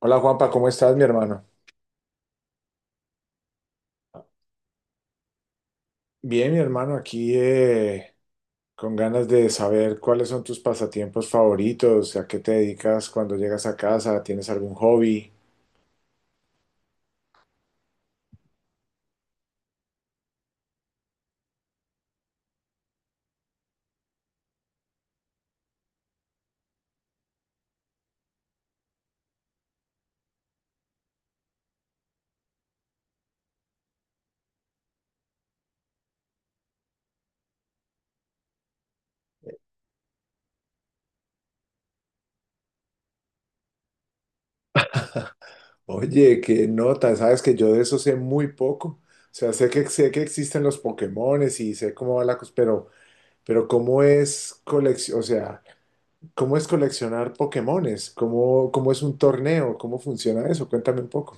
Hola Juanpa, ¿cómo estás, mi hermano? Bien, mi hermano, aquí con ganas de saber cuáles son tus pasatiempos favoritos, a qué te dedicas cuando llegas a casa, ¿tienes algún hobby? Oye, qué nota, sabes que yo de eso sé muy poco. O sea, sé que existen los Pokémones y sé cómo va la cosa, pero cómo es colección, o sea, cómo es coleccionar Pokémones, cómo es un torneo, cómo funciona eso, cuéntame un poco.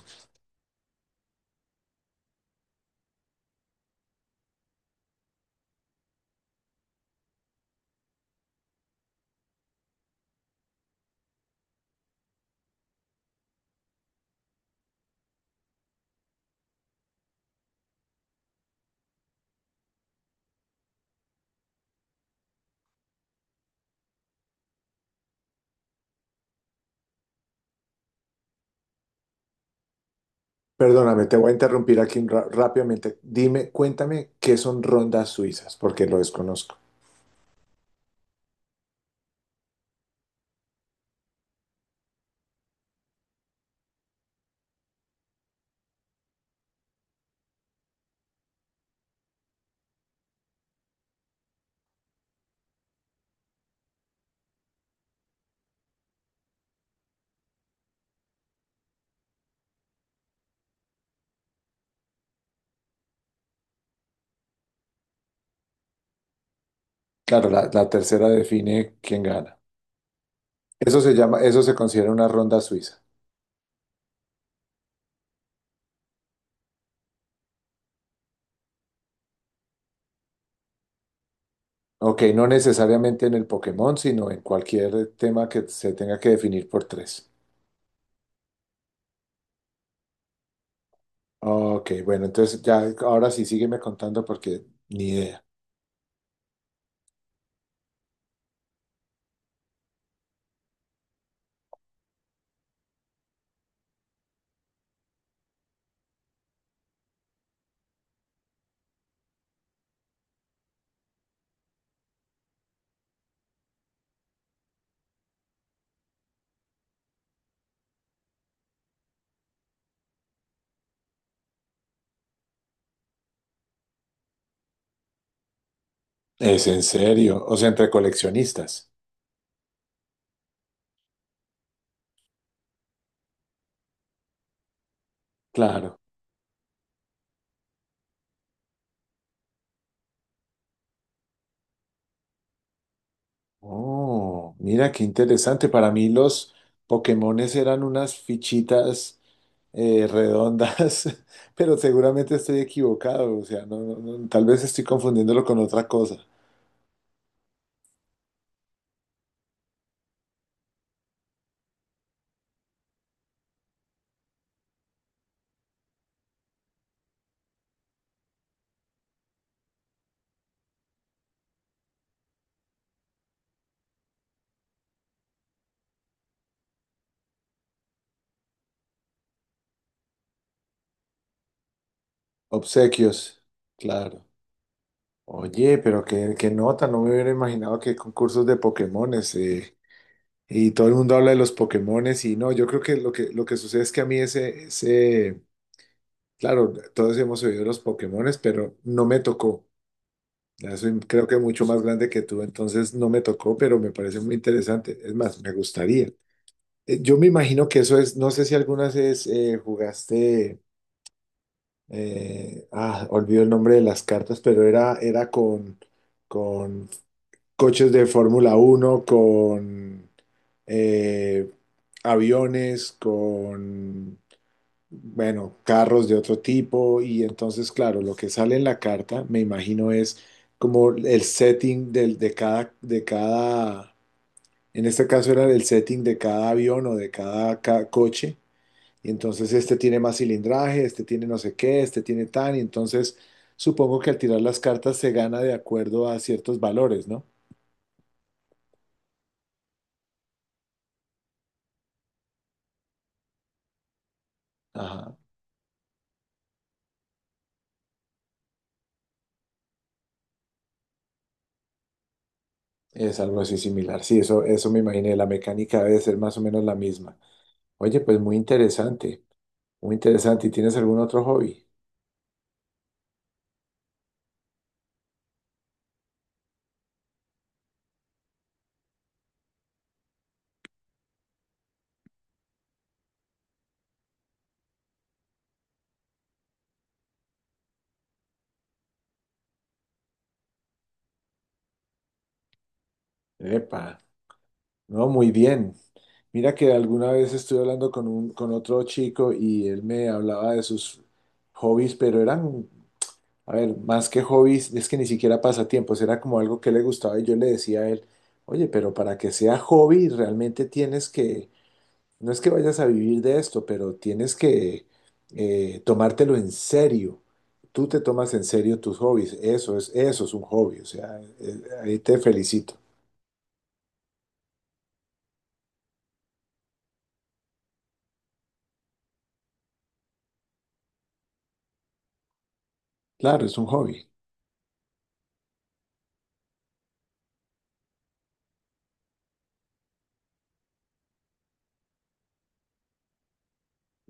Perdóname, te voy a interrumpir aquí rápidamente. Dime, cuéntame qué son rondas suizas, porque lo desconozco. Claro, la tercera define quién gana. Eso se llama, eso se considera una ronda suiza. Ok, no necesariamente en el Pokémon, sino en cualquier tema que se tenga que definir por tres. Ok, bueno, entonces ya, ahora sí sígueme contando porque ni idea. Es en serio, o sea, entre coleccionistas. Claro. Oh, mira qué interesante. Para mí los Pokémones eran unas fichitas redondas, pero seguramente estoy equivocado. O sea, no, no, tal vez estoy confundiéndolo con otra cosa. Obsequios, claro. Oye, pero qué, qué nota, no me hubiera imaginado que concursos de Pokémones. Y todo el mundo habla de los Pokémones y no, yo creo que lo que sucede es que a mí ese, claro, todos hemos oído de los Pokémones, pero no me tocó. Ya soy, creo que mucho más grande que tú, entonces no me tocó, pero me parece muy interesante. Es más, me gustaría. Yo me imagino que eso es, no sé si algunas vez jugaste, olvido el nombre de las cartas, pero era con coches de Fórmula 1 con eh, aviones, con bueno, carros de otro tipo y entonces, claro, lo que sale en la carta, me imagino, es como el setting del, de cada, en este caso era el setting de cada avión o de cada, coche, y entonces este tiene más cilindraje, este tiene no sé qué, este tiene tan, y entonces supongo que al tirar las cartas se gana de acuerdo a ciertos valores, ¿no? Ajá, es algo así similar. Sí, eso me imaginé, la mecánica debe ser más o menos la misma. Oye, pues muy interesante. Muy interesante. ¿Y tienes algún otro hobby? Epa, no, muy bien. Mira que alguna vez estuve hablando con otro chico y él me hablaba de sus hobbies, pero eran, a ver, más que hobbies, es que ni siquiera pasatiempos, era como algo que le gustaba y yo le decía a él, oye, pero para que sea hobby realmente tienes que. No es que vayas a vivir de esto, pero tienes que tomártelo en serio. Tú te tomas en serio tus hobbies. Eso es un hobby. O sea, ahí te felicito. Claro, es un hobby.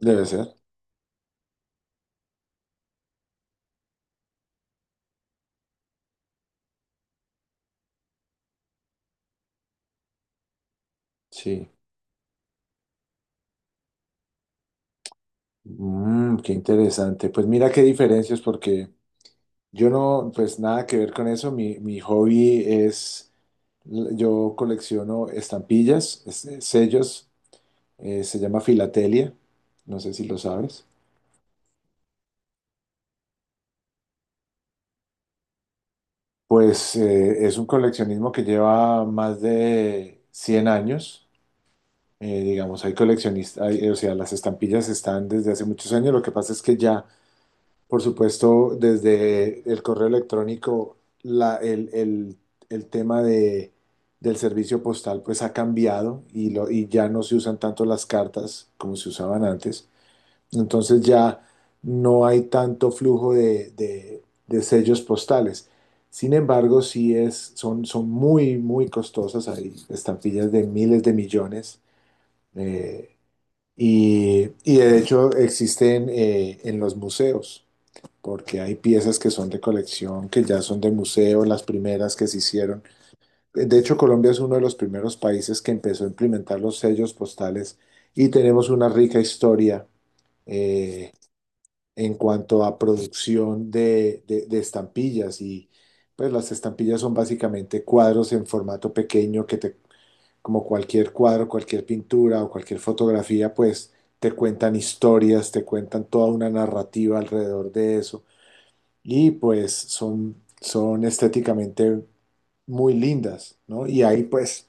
Debe ser. Sí. Mm, qué interesante. Pues mira qué diferencias, porque yo no, pues nada que ver con eso. Mi hobby es, yo colecciono estampillas, sellos, se llama filatelia. No sé si lo sabes. Pues es un coleccionismo que lleva más de 100 años. Digamos, hay coleccionistas, hay- o sea, las estampillas están desde hace muchos años. Lo que pasa es que ya, por supuesto, desde el correo electrónico, el tema de, del servicio postal pues ha cambiado y, lo, y ya no se usan tanto las cartas como se usaban antes. Entonces ya no hay tanto flujo de sellos postales. Sin embargo, sí es, son muy, muy costosas. Hay estampillas de miles de millones. eh, y de hecho existen en los museos, porque hay piezas que son de colección, que ya son de museo, las primeras que se hicieron. De hecho, Colombia es uno de los primeros países que empezó a implementar los sellos postales y tenemos una rica historia eh, en cuanto a producción de estampillas y pues las estampillas son básicamente cuadros en formato pequeño que te, como cualquier cuadro, cualquier pintura o cualquier fotografía, pues te cuentan historias, te cuentan toda una narrativa alrededor de eso y pues son estéticamente muy lindas, ¿no? Y ahí pues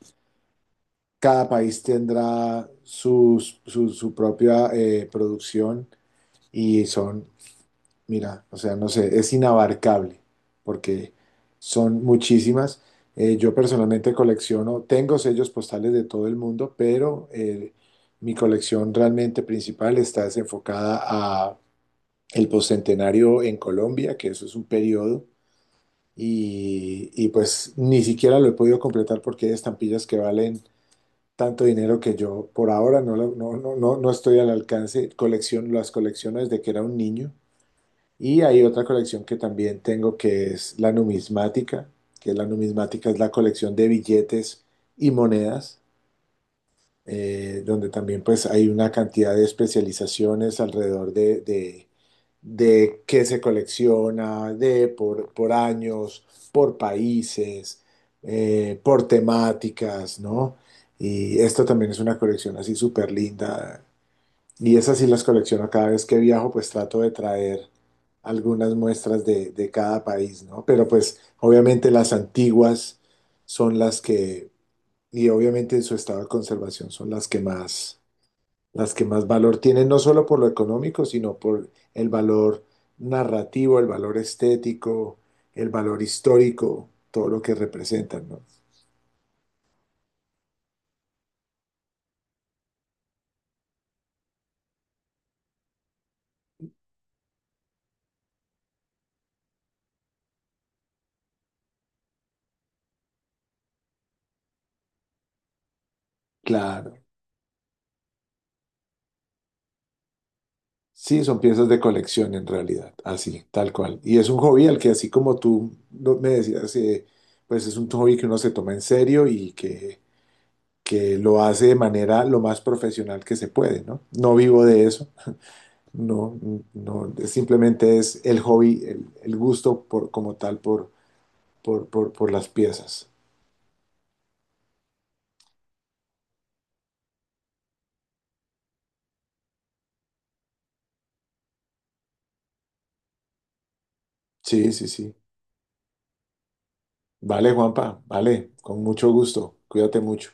cada país tendrá su propia producción y son. Mira, o sea, no sé, es inabarcable porque son muchísimas. Yo personalmente colecciono, tengo sellos postales de todo el mundo, pero mi colección realmente principal está desenfocada a el postcentenario en Colombia, que eso es un periodo, y pues ni siquiera lo he podido completar porque hay estampillas que valen tanto dinero que yo por ahora no, no, no, no, no estoy al alcance. Colección, las colecciono desde que era un niño. Y hay otra colección que también tengo que es la numismática, que la numismática es la colección de billetes y monedas, donde también pues hay una cantidad de especializaciones alrededor de qué se colecciona, de por años, por países, por temáticas, ¿no? Y esta también es una colección así súper linda y esas sí las colecciono cada vez que viajo, pues trato de traer algunas muestras de cada país, ¿no? Pero pues obviamente las antiguas son las que, y obviamente en su estado de conservación son las que más valor tienen, no solo por lo económico, sino por el valor narrativo, el valor estético, el valor histórico, todo lo que representan, ¿no? Claro. Sí, son piezas de colección en realidad, así, tal cual. Y es un hobby al que así como tú me decías, pues es un hobby que uno se toma en serio y que lo hace de manera lo más profesional que se puede, ¿no? No vivo de eso, no, no, simplemente es el hobby, el gusto por, como tal por las piezas. Sí, sí, sí. Vale, Juanpa, vale, con mucho gusto. Cuídate mucho.